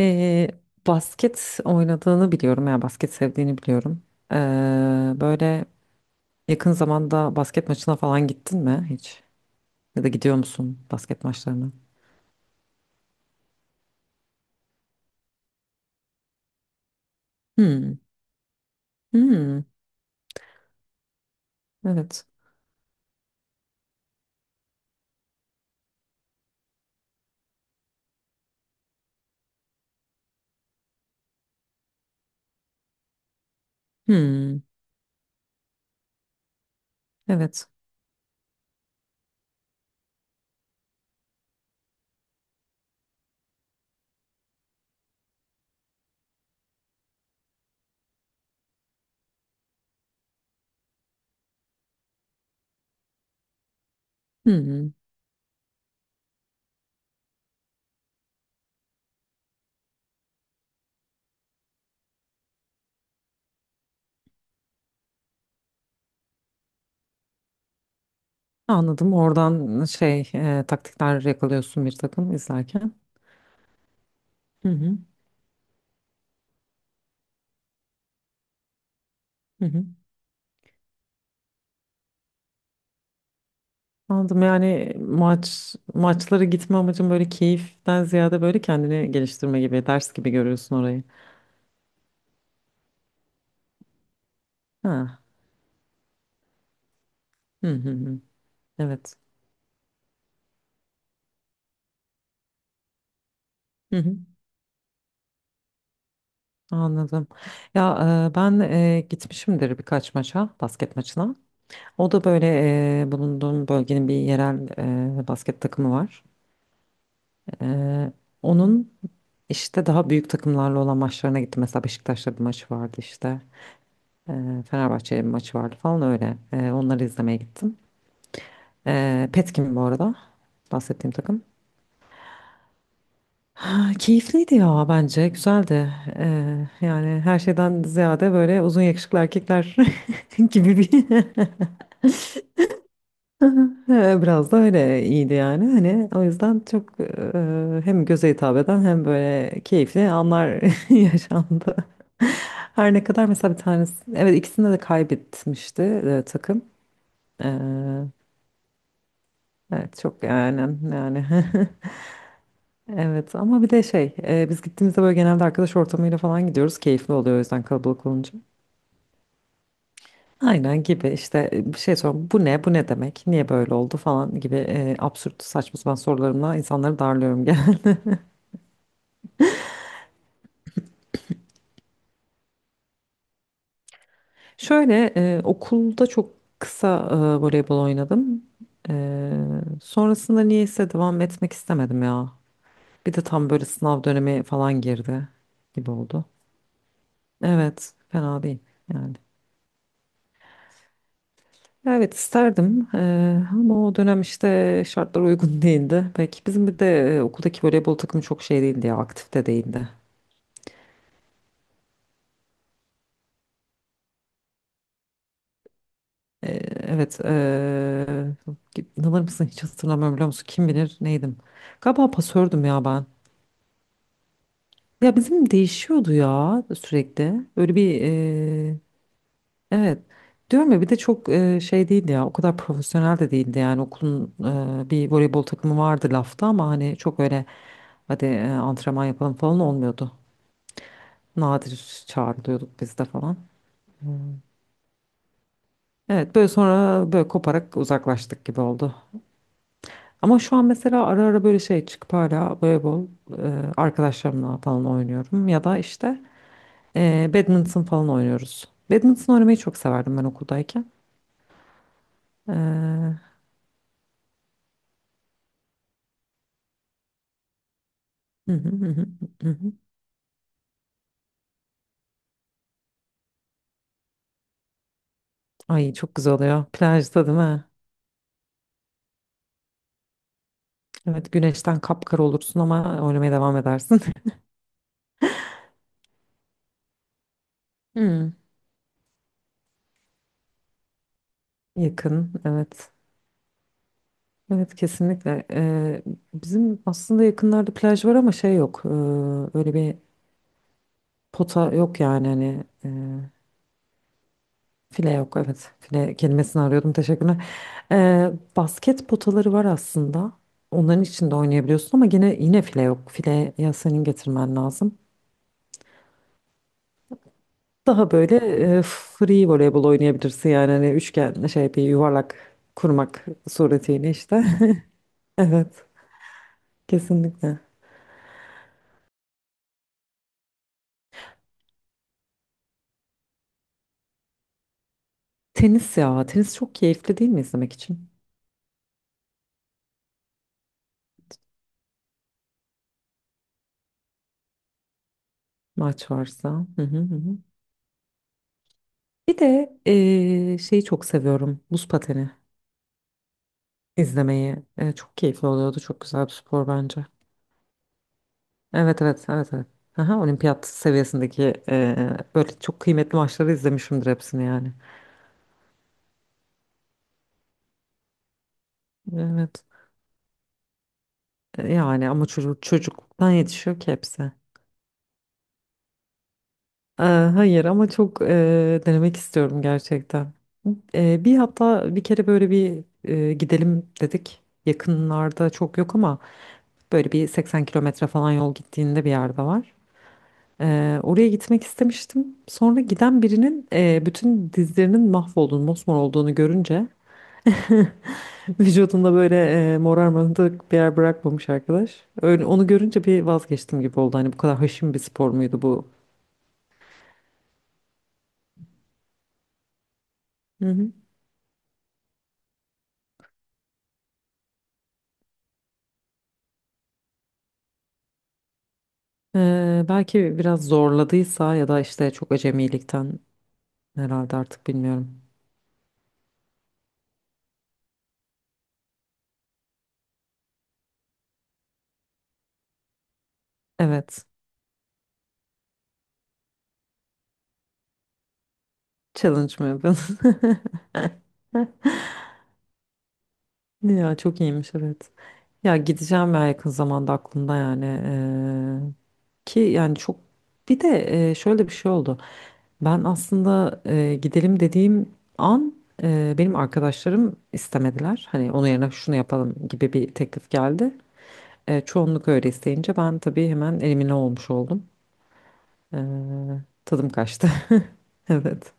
Ee, basket oynadığını biliyorum ya basket sevdiğini biliyorum. Böyle yakın zamanda basket maçına falan gittin mi hiç? Ya da gidiyor musun basket maçlarına? Hmm, hmm, evet. Hmm, evet. Hmm. Anladım. Oradan şey taktikler yakalıyorsun bir takım izlerken. Hı hı, hı hı. Anladım. Yani maçlara gitme amacın böyle keyiften ziyade böyle kendini geliştirme gibi, ders gibi görüyorsun orayı. Ha. Hı hı hı. Evet. Hı hı. Anladım. Ya ben gitmişimdir birkaç maça, basket maçına. O da böyle bulunduğum bölgenin bir yerel basket takımı var. E, Onun işte daha büyük takımlarla olan maçlarına gittim. Mesela Beşiktaş'la bir maçı vardı işte. E, Fenerbahçe'yle bir maçı vardı falan öyle. Onları izlemeye gittim. E, Petkim bu arada bahsettiğim takım. Ha, keyifliydi ya bence güzeldi. Yani her şeyden ziyade böyle uzun yakışıklı erkekler gibi bir Biraz da öyle iyiydi yani hani o yüzden çok hem göze hitap eden hem böyle keyifli anlar yaşandı. Her ne kadar mesela bir tanesi evet ikisinde de kaybetmişti takım. Ee, evet çok yani, yani Evet ama bir de şey biz gittiğimizde böyle genelde arkadaş ortamıyla falan gidiyoruz keyifli oluyor o yüzden kalabalık olunca. Aynen gibi işte bir şey sorun bu ne bu ne demek niye böyle oldu falan gibi absürt saçma sapan sorularımla insanları darlıyorum gene. Şöyle okulda çok kısa voleybol oynadım. E, Sonrasında niyeyse devam etmek istemedim ya. Bir de tam böyle sınav dönemi falan girdi gibi oldu. Evet fena değil yani. Evet isterdim ama o dönem işte şartlar uygun değildi. Belki bizim bir de okuldaki voleybol takımı çok şey değildi ya aktif de değildi. Evet. İnanır mısın hiç hatırlamıyorum biliyor musun? Kim bilir neydim? Galiba pasördüm ya ben. Ya bizim değişiyordu ya sürekli. Öyle bir evet. Diyorum ya bir de çok şey değildi ya. O kadar profesyonel de değildi yani. Okulun bir voleybol takımı vardı lafta ama hani çok öyle hadi antrenman yapalım falan olmuyordu. Nadir çağrılıyorduk biz de falan. Evet böyle sonra böyle koparak uzaklaştık gibi oldu. Ama şu an mesela ara ara böyle şey çıkıp hala voleybol e, arkadaşlarımla falan oynuyorum. Ya da işte badminton falan oynuyoruz. Badminton oynamayı çok severdim ben okuldayken. Hı hı hı, hı hı hı. Ay çok güzel oluyor. Plajda değil mi? Evet güneşten kapkara olursun ama oynamaya devam edersin. Hmm, yakın evet. Evet kesinlikle. Bizim aslında yakınlarda plaj var ama şey yok. Öyle bir pota yok yani hani. File yok evet. File kelimesini arıyordum teşekkürler. Ee, Basket potaları var aslında. Onların içinde oynayabiliyorsun ama yine file yok. File ya senin getirmen lazım. Daha böyle free voleybol oynayabilirsin yani hani üçgen şey bir yuvarlak kurmak suretiyle işte. Evet kesinlikle. Tenis ya tenis çok keyifli değil mi izlemek için? Maç varsa. Hı hı hı, hı. Bir de şeyi çok seviyorum, buz pateni. İzlemeyi, çok keyifli oluyordu. Çok güzel bir spor bence. Evet, evet, evet, evet. Aha, olimpiyat seviyesindeki böyle çok kıymetli maçları izlemişimdir hepsini yani. Evet. Yani ama çocukluktan yetişiyor ki hepsi. E, hayır ama çok denemek istiyorum gerçekten. E, bir Hatta bir kere böyle bir gidelim dedik. Yakınlarda çok yok ama böyle bir 80 kilometre falan yol gittiğinde bir yerde var. Oraya gitmek istemiştim. Sonra giden birinin bütün dizlerinin mahvolduğunu, mosmor olduğunu görünce vücudunda böyle morarmadık bir yer bırakmamış arkadaş. Öyle, onu görünce bir vazgeçtim gibi oldu. Hani bu kadar haşin bir spor muydu bu? Hı hı. Belki biraz zorladıysa ya da işte çok acemilikten herhalde artık bilmiyorum. Evet. Challenge mı yapıyorsun? Ya çok iyiymiş, evet. Ya gideceğim ya, yakın zamanda aklımda yani. Ki yani çok, bir de şöyle bir şey oldu. Ben aslında gidelim dediğim an benim arkadaşlarım istemediler. Hani onun yerine şunu yapalım gibi bir teklif geldi. Çoğunluk öyle isteyince ben tabii hemen elimine olmuş oldum. E, Tadım kaçtı. Evet.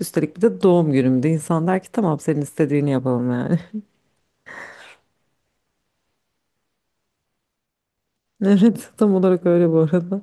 Üstelik bir de doğum günümde insan der ki tamam senin istediğini yapalım yani. Evet tam olarak öyle bu arada.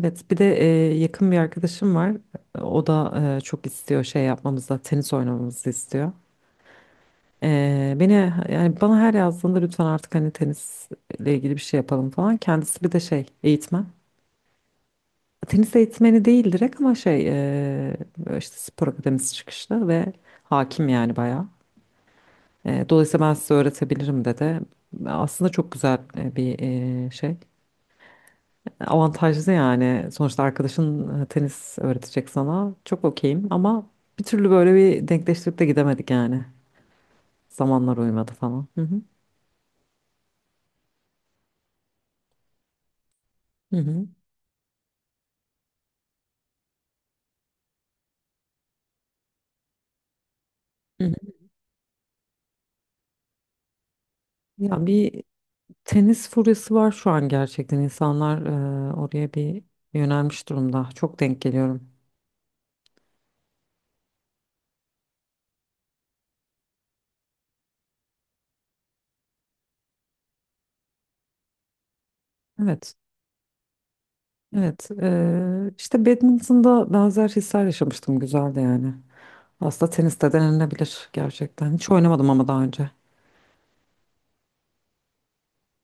Evet, bir de yakın bir arkadaşım var. O da çok istiyor şey yapmamızı, tenis oynamamızı istiyor. Beni, yani bana her yazdığında lütfen artık hani tenisle ilgili bir şey yapalım falan. Kendisi bir de şey, eğitmen. Tenis eğitmeni değil direkt ama şey böyle işte spor akademisi çıkışlı ve hakim yani bayağı. Dolayısıyla ben size öğretebilirim dedi. Aslında çok güzel şey. Avantajlı yani. Sonuçta arkadaşın tenis öğretecek sana. Çok okeyim ama bir türlü böyle bir denkleştirip de gidemedik yani. Zamanlar uymadı falan. Hı hı. Hı hı. Hı hı. Ya bir tenis furyası var şu an gerçekten. İnsanlar oraya bir yönelmiş durumda. Çok denk geliyorum. Evet. Evet. İşte badminton'da benzer hisler yaşamıştım. Güzeldi yani. Aslında tenis de denenebilir gerçekten. Hiç oynamadım ama daha önce.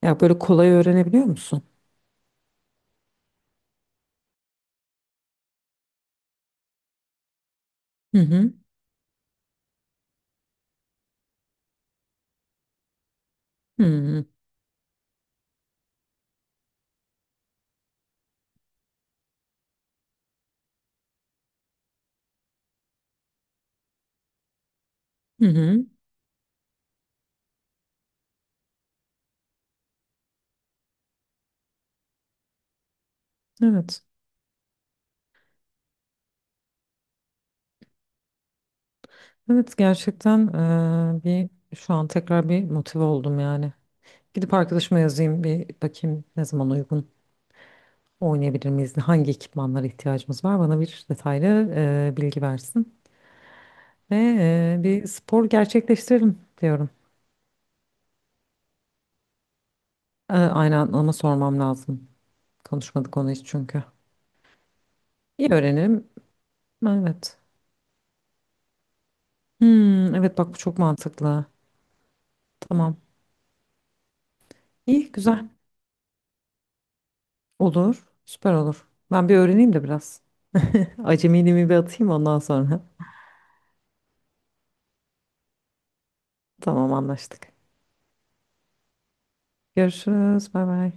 Ya böyle kolay öğrenebiliyor musun? Hı hı. Hmm, hı hı. Evet. Evet gerçekten eee, bir şu an tekrar bir motive oldum yani. Gidip arkadaşıma yazayım bir bakayım ne zaman uygun oynayabilir miyiz? Hangi ekipmanlara ihtiyacımız var? Bana bir detaylı bilgi versin. Ve bir spor gerçekleştirelim diyorum. Aynen ama sormam lazım. Konuşmadık onu hiç çünkü. İyi öğrenirim. Evet. Hmm, evet bak bu çok mantıklı. Tamam. İyi güzel. Olur. Süper olur. Ben bir öğreneyim de biraz. Acemiliğimi bir atayım ondan sonra. Tamam anlaştık. Görüşürüz. Bay bay.